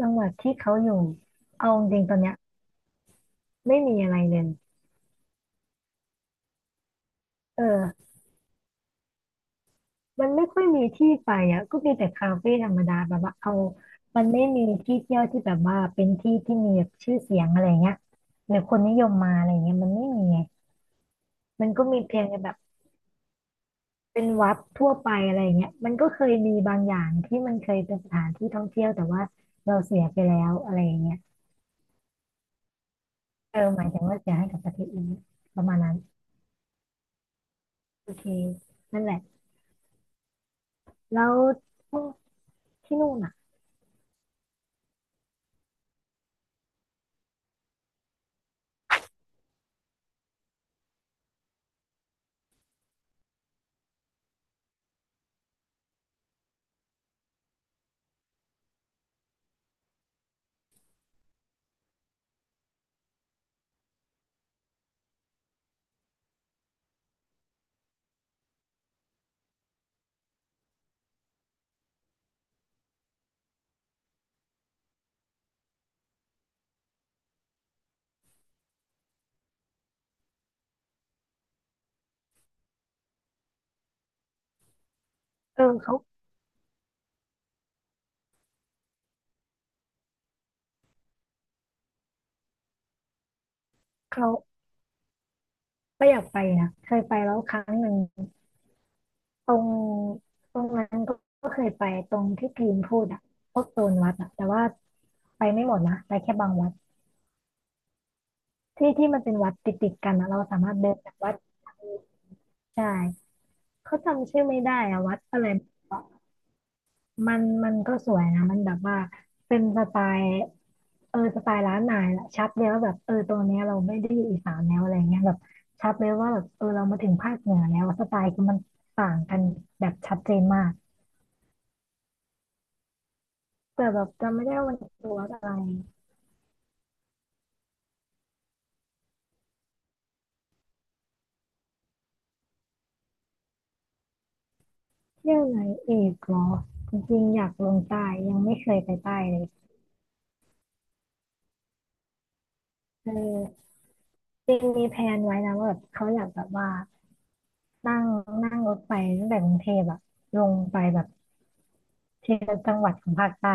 จังหวัดที่เขาอยู่เอาจริงๆตอนเนี้ยไม่มีอะไรเลยเออมันไม่ค่อยมีที่ไปอ่ะก็มีแต่คาเฟ่ธรรมดาแบบว่าเอามันไม่มีที่เที่ยวที่แบบว่าเป็นที่ที่มีแบบชื่อเสียงอะไรเงี้ยหรือคนนิยมมาอะไรเงี้ยมันไม่มีไงมันก็มีเพียงแต่แบบเป็นวัดทั่วไปอะไรเงี้ยมันก็เคยมีบางอย่างที่มันเคยเป็นสถานที่ท่องเที่ยวแต่ว่าเราเสียไปแล้วอะไรเงี้ยเออหมายถึงว่าเสียให้กับประเทศอื่นประมาณนั้นโอเคนั่นแหละแล้วที่นู่นอ่ะ เออเขาก็อยากไปนะเคยไปแล้วครั้งหนึ่งตรงตรงนั้นก็ก็เคยไปตรงที่พีมพูดอะพวกโซนวัดอะแต่ว่าไปไม่หมดนะไปแค่บางวัดที่ที่มันเป็นวัดติดกันอะเราสามารถเดินจากวัดใช่เขาจำชื่อไม่ได้อะวัดอะไร มันก็สวยนะมันแบบว่าเป็นสไตล์เออสไตล์ร้านนายแหละชัดเลยว่าแบบเออตรงเนี้ยเราไม่ได้อยู่อีสานแล้วอะไรเงี้ยแบบชัดเลยว่าแบบเออเรามาถึงภาคเหนือแล้วสไตล์คือมันต่างกันแบบชัดเจนมากแต่แบบจำไม่ได้ว่ามันคือวัดอะไรเที่ยวไหนอีกเหรอจริงๆอยากลงใต้ยังไม่เคยไปใต้เลยเออจริงมีแพลนไว้นะว่าแบบเขาอยากแบบว่านั่งนั่งรถไปตั้งแต่กรุงเทพอะลงไปแบบทีละจังหวัดของภาคใต้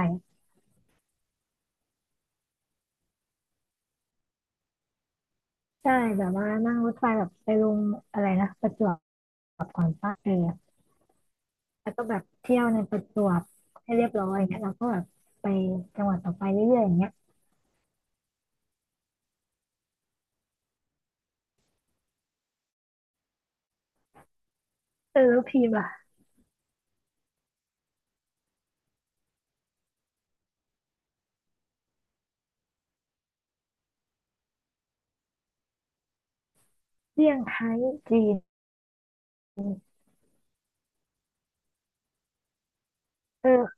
ใช่แบบว่านั่งรถไฟแบบไปลงอะไรนะประจวบก่อนปาเออแล้วก็แบบเที่ยวในประจวบให้เรียบร้อยอย่างเงี้ยเราก็แบบไปจังหวัดต่อไปเรื่อยๆอย่างเงี้ยเออแล้วพีมล่ะเซี่ยงไฮ้จีนเออ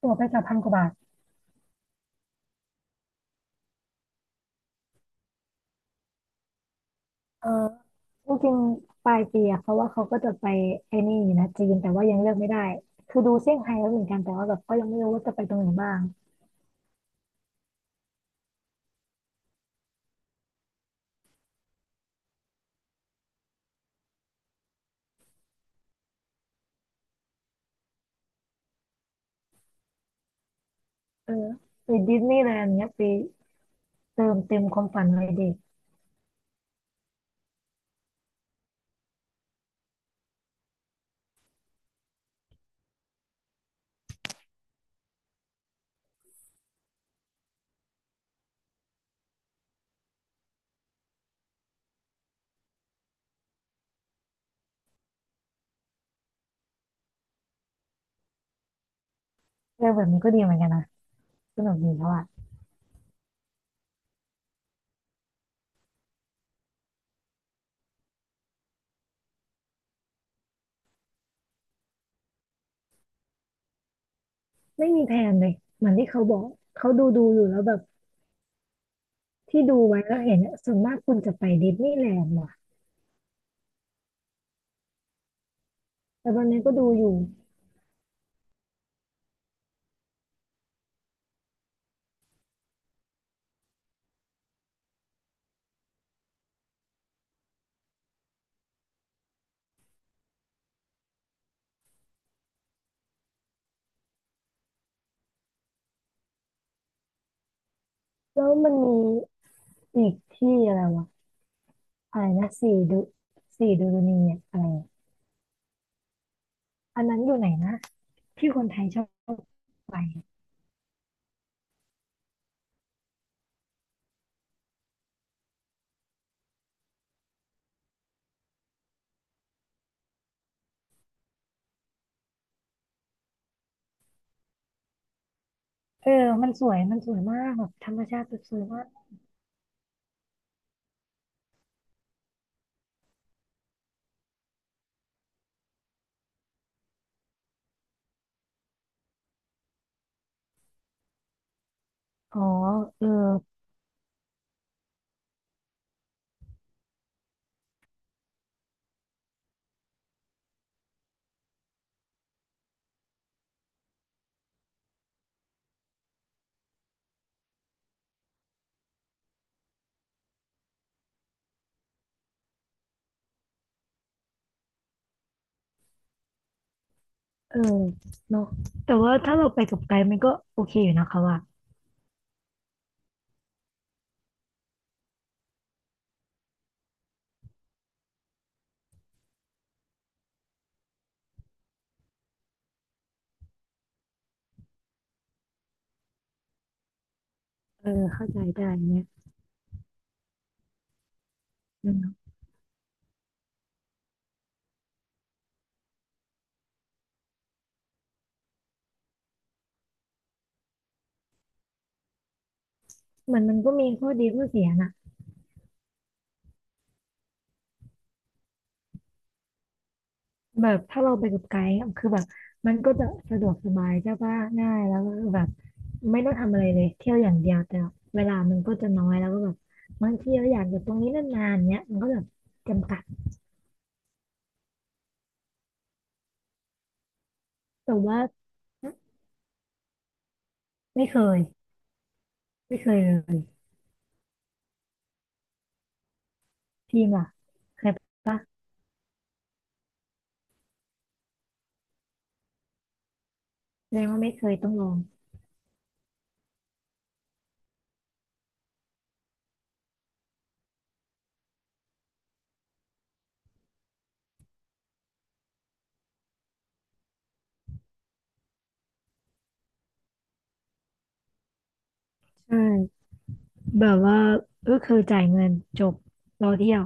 ตั๋วไปกับพันกว่าบาทเออจริงๆปลายปีอะเพราะว่าเขาก็จะไปไอ้นี่อยู่นะจีนแต่ว่ายังเลือกไม่ได้คือดูเซี่ยงไฮ้แล้วเหมือนกันแต่ว่าแบบก็ยังไม่รู้ว่าจะไปตรงไหนบ้างเออไปดิสนีย์แลนด์เนี้ยไปเติมเต็มความฝันวัยเด็กเออแบบนี้ก็ดีเหมือนกันนะสนุกดีเพราะว่า ไม่มีแทนเลยเหมือนที่เขาบอก เขาดูอยู่แล้วแบบที่ดูไว้แล้วเห็นอะส่วนมากคนจะไปดิสนีย์แลนด์ว่ะแต่วันนี้ก็ดูอยู่แล้วมันมีอีกที่อะไรวะอะไรนะสี่ดูสี่ดูนีเนี่ยอะไรอะอันนั้นอยู่ไหนนะที่คนไทยชอบไปเออมันสวยมันสวยมากแบบธรรมชาติสวยมากอ๋อเออเออเนอะแต่ว่าถ้าเราไปกับไกด์มันก็โอเคอยู่นะคะว่าเออเข้าใจได้เนี่ยอืมเหมือนมันก็มีข้อดีข้อเสียนะ แบบถ้าเราไปกับไกด์อะคือแบบมันก็จะสะดวกสบายใช่ปะง่ายแล้วก็แบบไม่ต้องทำอะไรเลยเที่ยวอย่างเดียวแต่เวลามันก็จะน้อยแล้วก็แบบบางทีเราอยากอยู่ตรงนี้นานๆเนี้ยมันก็แบบจำกัดแต่ว่าไม่เคยไม่เคยเลยทีมล่ะเคยปะแสดงว่าไม่เคยต้องลองใช่แบบว่าก็คือจ่ายเงินจบรอเที่ยว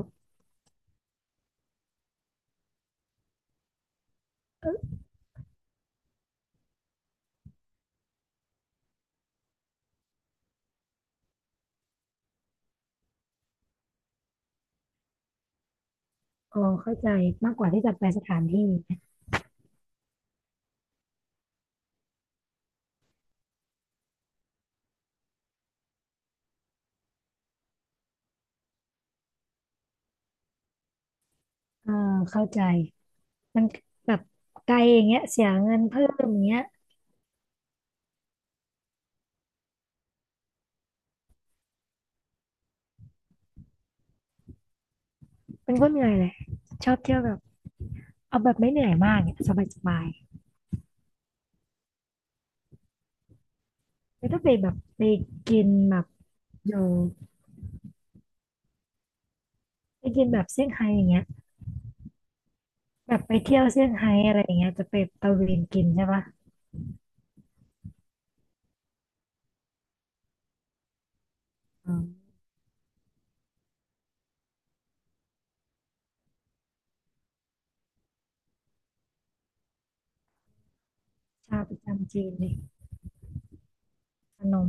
อ๋อเข้าใจมากกว่าที่จะไปสถานที่อ่าเข้าใจมันแบบไกลอย่างเงี้ยเสียเงินเพิ่มอย่างเงี้ย เป็นคนเหนื่อยเลยชอบเที่ยวแบบเอาแบบไม่เหนื่อยมากเนี่ยสบายสบายไม่ต้องไปแบบไปกินแบบอยู่ไปกินแบบเซี่ยงไฮ้อย่างเงี้ยแบบไปเที่ยวเซี่ยงไฮ้อะไรอย่างเงี้ยจะไปตะเวนกินใช่ปะอืมชาประจำจีนเลยขนม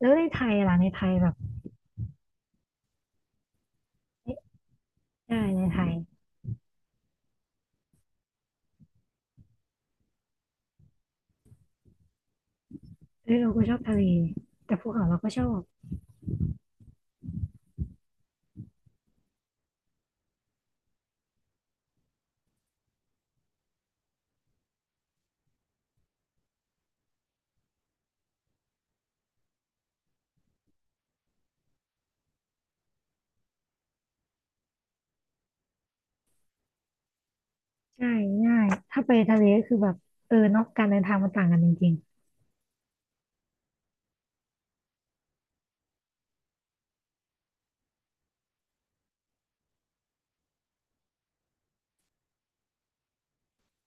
แล้วในไทยล่ะในไทยแบบเอ๊ะใช่ในไทยเอ้ยเราก็ชอบทะเลแต่ภูเขาเราก็ชอบใช่ง่ายถ้าไปทะเลก็คือแบบเออเนอกการเดินทางมันต่างกันจริง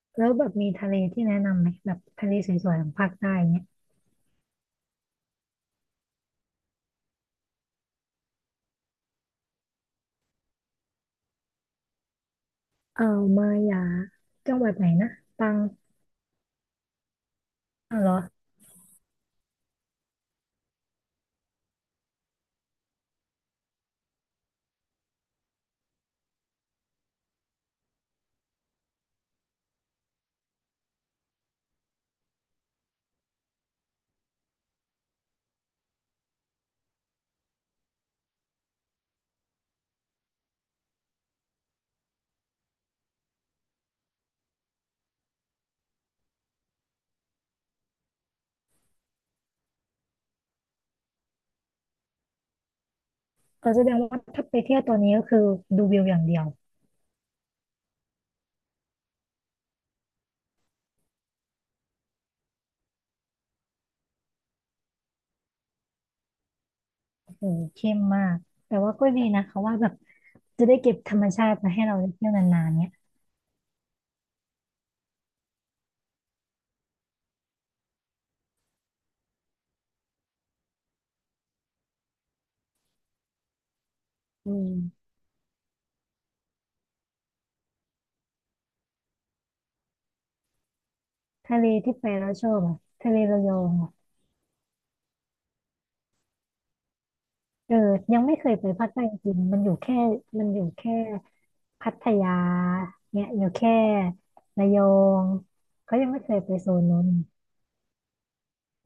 ๆแล้วแบบมีทะเลที่แนะนำไหมแบบทะเลสวยๆของภาคใต้เนี่ย อ่าวมาหยาจังหวัดไหนนะตังอ้าวเหรอเออแสดงว่าถ้าไปเที่ยวตอนนี้ก็คือดูวิวอย่างเดียวโอ้เข้มมากแต่ว่าก็ดีนะเขาว่าแบบจะได้เก็บธรรมชาติมาให้เราได้เที่ยวนานๆเนี้ยอืมทะเลที่ไปแล้วชอบอ่ะทะเลระยองอ่ะเออยังไม่เคยไปภาคใต้จริงๆมันอยู่แค่พัทยาเนี่ยอยู่แค่ระยองเขายังไม่เคยไปโซนนั้น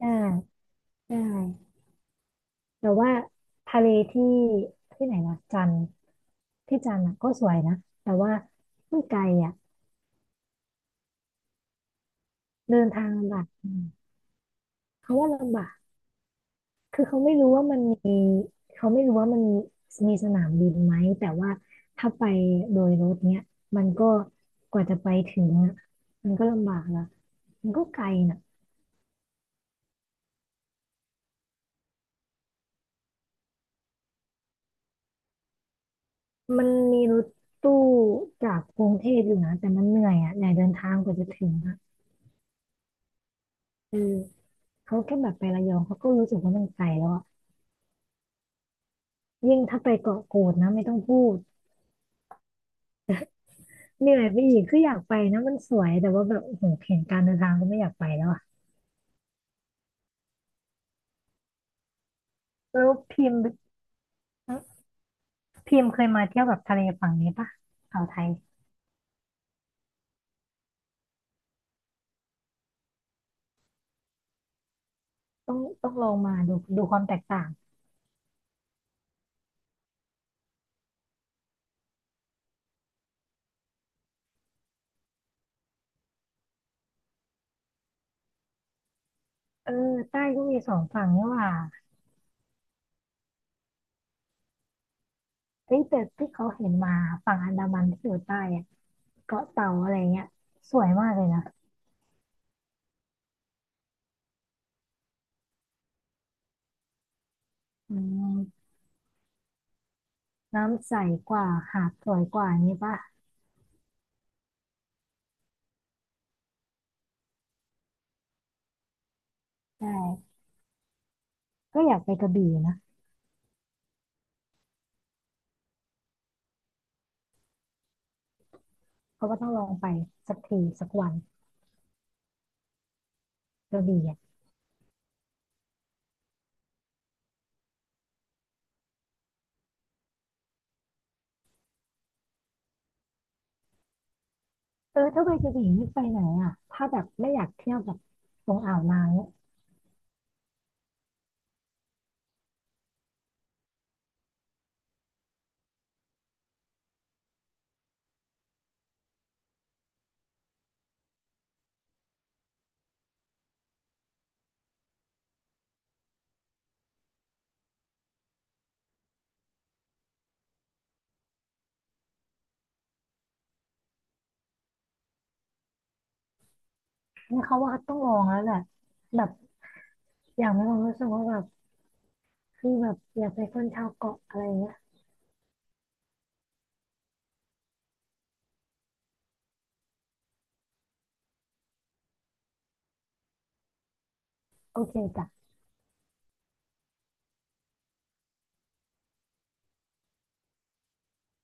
ได้ได้แต่ว่าทะเลที่ไหนนะจันทร์ ที่จันทร์อะก็สวยนะแต่ว่ามันไกลอ่ะเดินทางลำบากอืมเขาว่าลำบากคือเขาไม่รู้ว่ามันมีเขาไม่รู้ว่ามันมีสนามบินไหมแต่ว่าถ้าไปโดยรถเนี้ยมันก็กว่าจะไปถึงอะมันก็ลำบากละมันก็ไกลน่ะมันมีรถตู้จากกรุงเทพอยู่นะแต่มันเหนื่อยอ่ะเหนอยเดินทางกว่าจะถึงอ่ะเออเขาแค่แบบไประยองเขาก็รู้สึกว่ามันไกลแล้วอ่ะยิ่งถ้าไปเกาะกูดนะไม่ต้องพูด เหนื่อยไปอีกคืออยากไปนะมันสวยแต่ว่าแบบโอ้โหเห็นการเดินทางก็ไม่อยากไปแล้วอะแล้วพิมพ์พิมพ์เคยมาเที่ยวแบบทะเลฝั่งนี้ปะอ่าวไทยต้องลองมาดูดูความแตกต่างเออใต้ก็มีสองฝั่งนี่หว่าเฮ้ยแต่ที่เขาเห็นมาฝั่งอันดามันที่อยู่ใต้อะเกาะเต่าอะไรเงี้ยสวยมากเลยนะอืมน้ำใสกว่าหาดสวยกว่านี้ปะใช่ก็อยากไปกระบี่นะเพราะว่าต้องลองไปสักทีสักวันกระบี่อะ เออถ้าไปกระบี่นี่ไปไหนอ่ะถ้าแบบไม่อยากเที่ยวแบบตรงอ่าวนางเนี่ยเนี่ยเขาว่าต้องลองแล้วแหละแบบอย่างไม่ลองรู้สึกว่าแบบคือแบบอยากไปคนชาวเกาะอะไรเงี้ยโอเคจ้ะ